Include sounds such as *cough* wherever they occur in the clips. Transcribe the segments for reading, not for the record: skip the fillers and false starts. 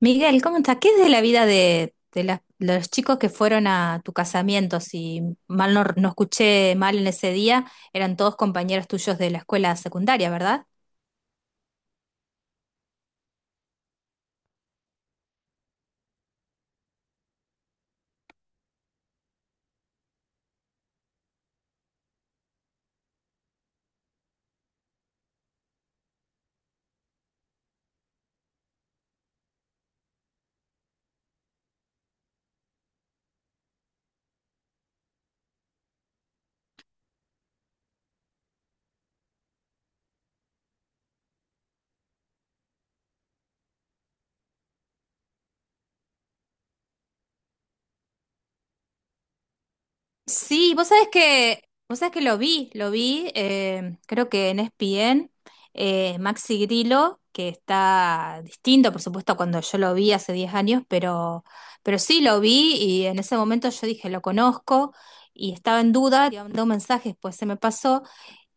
Miguel, ¿cómo estás? ¿Qué es de la vida de los chicos que fueron a tu casamiento? Si mal no escuché mal en ese día, eran todos compañeros tuyos de la escuela secundaria, ¿verdad? Sí, vos sabés que lo vi, creo que en ESPN, Maxi Grillo, que está distinto, por supuesto, a cuando yo lo vi hace 10 años, pero sí lo vi y en ese momento yo dije, lo conozco y estaba en duda, y mandé un mensaje, después se me pasó.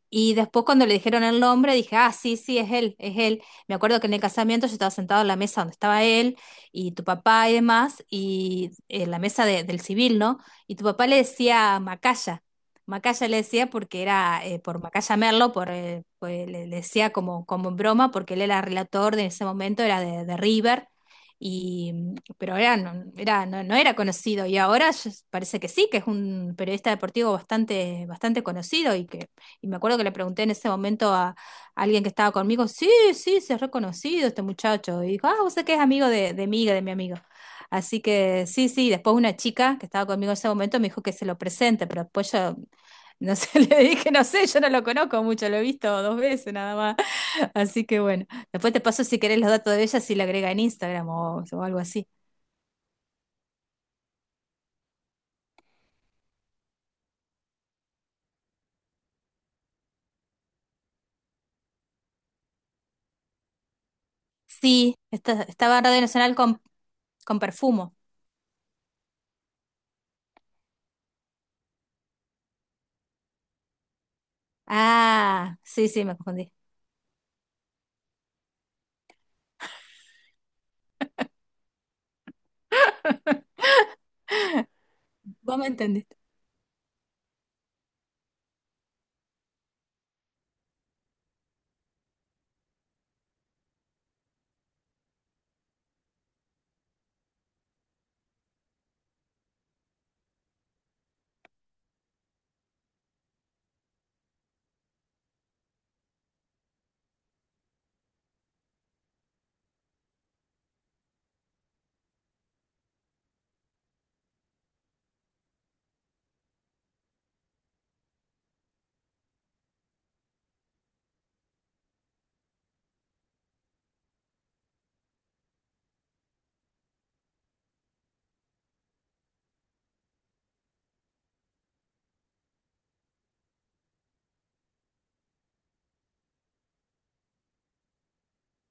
Y después cuando le dijeron el nombre, dije, ah, sí, sí, es él, es él. Me acuerdo que en el casamiento yo estaba sentado en la mesa donde estaba él y tu papá y demás, y en la mesa del civil, ¿no? Y tu papá le decía Macaya. Macaya le decía porque era por Macaya Merlo, le decía como, como en broma, porque él era relator de ese momento, era de River, y, pero era, no, no era conocido. Parece que sí, que es un periodista deportivo bastante, bastante conocido. Y me acuerdo que le pregunté en ese momento a alguien que estaba conmigo, sí, sí, se ha reconocido este muchacho. Y dijo, ah, vos sé que es amigo de mi amigo. Así que sí, sí, después una chica que estaba conmigo en ese momento me dijo que se lo presente, pero después yo, no sé, *laughs* le dije, no sé, yo no lo conozco mucho, lo he visto dos veces nada más. *laughs* Así que bueno, después te paso si querés los datos de ella, si la agrega en Instagram o algo así. Sí, estaba en Radio Nacional con Perfumo. Ah, sí, sí, me confundí. Vos me entendiste.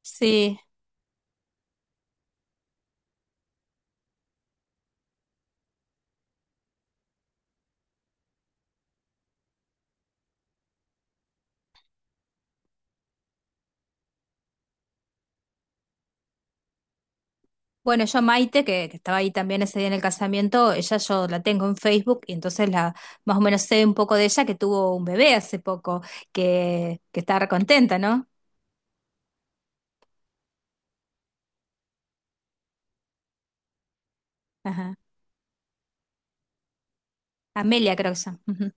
Sí. Bueno, yo a Maite, que estaba ahí también ese día en el casamiento, ella yo la tengo en Facebook y entonces la más o menos sé un poco de ella, que tuvo un bebé hace poco, que estaba recontenta, ¿no? Ajá. Amelia creo que se llama. Ujú.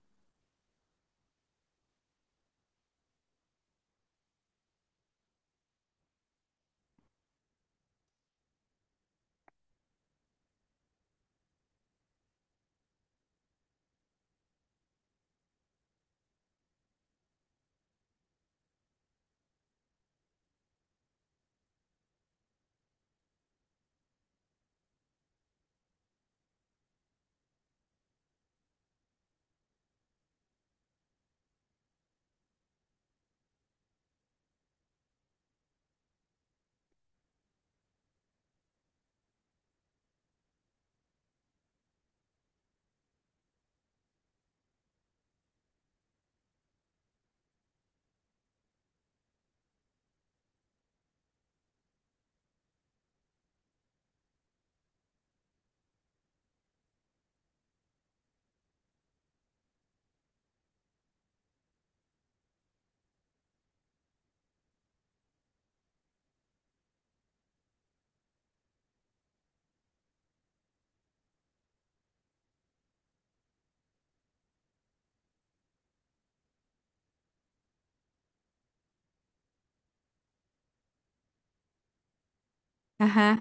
Ajá.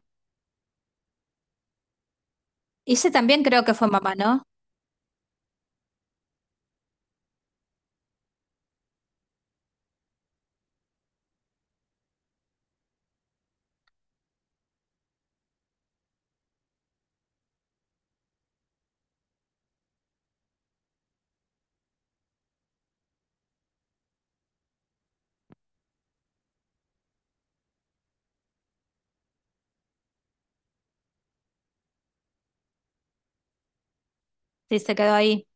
Y ella también creo que fue mamá, ¿no? Sí, se quedó ahí.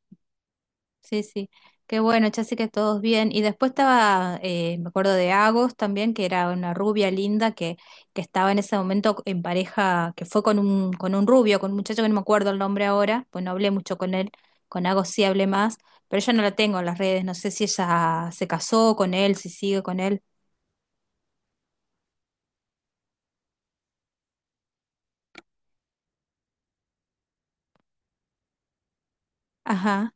Sí, sí. Qué bueno, ya sé que todos bien. Y después estaba, me acuerdo de Agos también, que era una rubia linda que estaba en ese momento en pareja, que fue con un rubio, con un muchacho que no me acuerdo el nombre ahora, pues no hablé mucho con él, con Agos sí hablé más, pero yo no la tengo en las redes, no sé si ella se casó con él, si sigue con él. Ajá.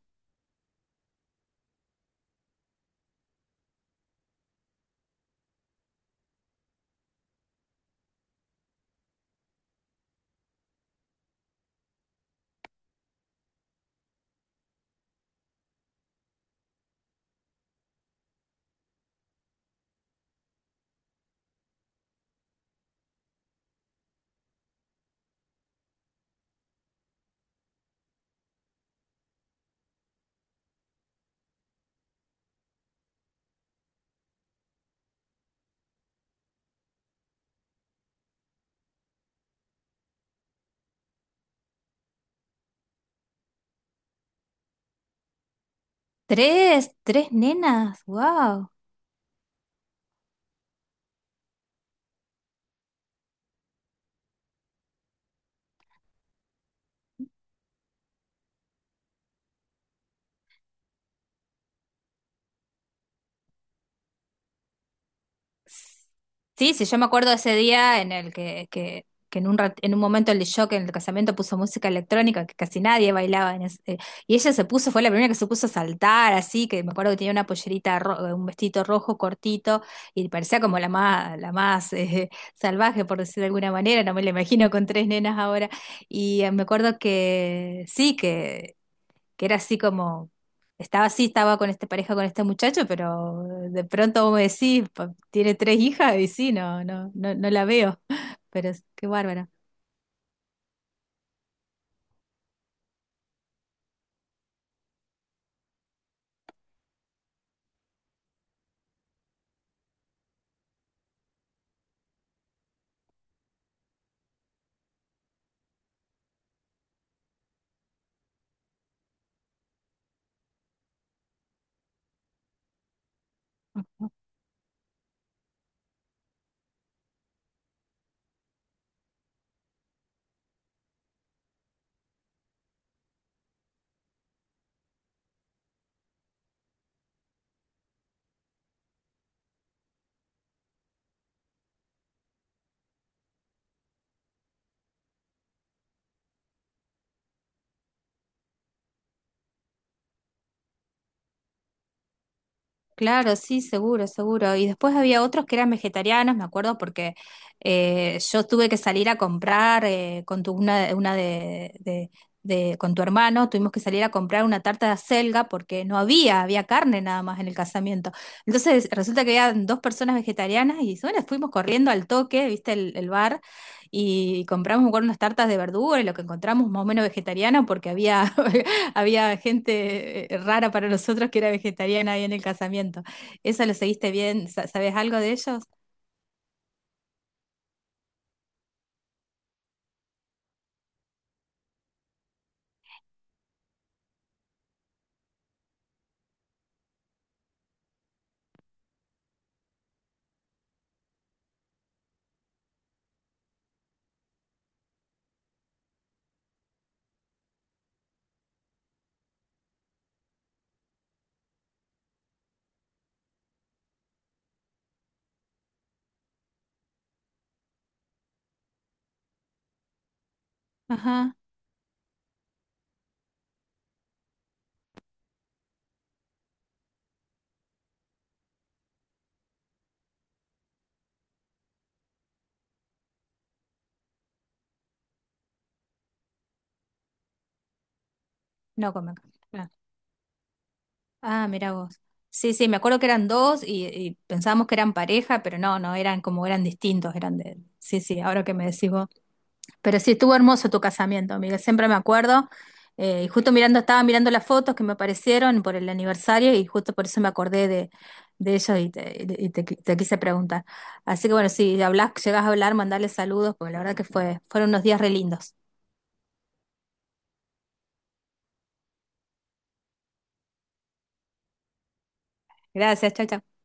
Tres, tres nenas, wow. Sí, sí, yo me acuerdo de ese día en el que en un, en un momento el shock en el casamiento puso música electrónica, que casi nadie bailaba en y ella se puso, fue la primera que se puso a saltar, así, que me acuerdo que tenía una pollerita, un vestido rojo cortito, y parecía como la más *laughs* salvaje, por decir de alguna manera. No me la imagino con tres nenas ahora. Y me acuerdo que sí, que era así como, estaba así, estaba con esta pareja, con este muchacho, pero de pronto vos me decís, Tiene tres hijas". Y sí, no, no, no, no la veo, *laughs* pero qué bárbara. Claro, sí, seguro, seguro. Y después había otros que eran vegetarianos, me acuerdo, porque yo tuve que salir a comprar, con tu, una de- con tu hermano, tuvimos que salir a comprar una tarta de acelga porque no había, había carne nada más en el casamiento. Entonces resulta que había dos personas vegetarianas y bueno, fuimos corriendo al toque, viste el bar, y compramos, me acuerdo, unas tartas de verdura y lo que encontramos más o menos vegetariano, porque había *laughs* había gente rara para nosotros, que era vegetariana ahí en el casamiento. ¿Eso lo seguiste bien? ¿Sabes algo de ellos? Ajá. No comen carne, claro. Ah, mira vos. Sí, sí, me acuerdo que eran dos y pensábamos que eran pareja, pero no, no, eran como eran distintos, eran de... Sí, sí, ahora que me decís vos. Pero sí, estuvo hermoso tu casamiento, amiga, siempre me acuerdo. Y justo mirando, estaba mirando las fotos que me aparecieron por el aniversario y justo por eso me acordé de ellos y, te quise preguntar. Así que bueno, si hablas, llegas a hablar, mandarles saludos, porque la verdad que fueron unos días re lindos. Gracias, chao, chao.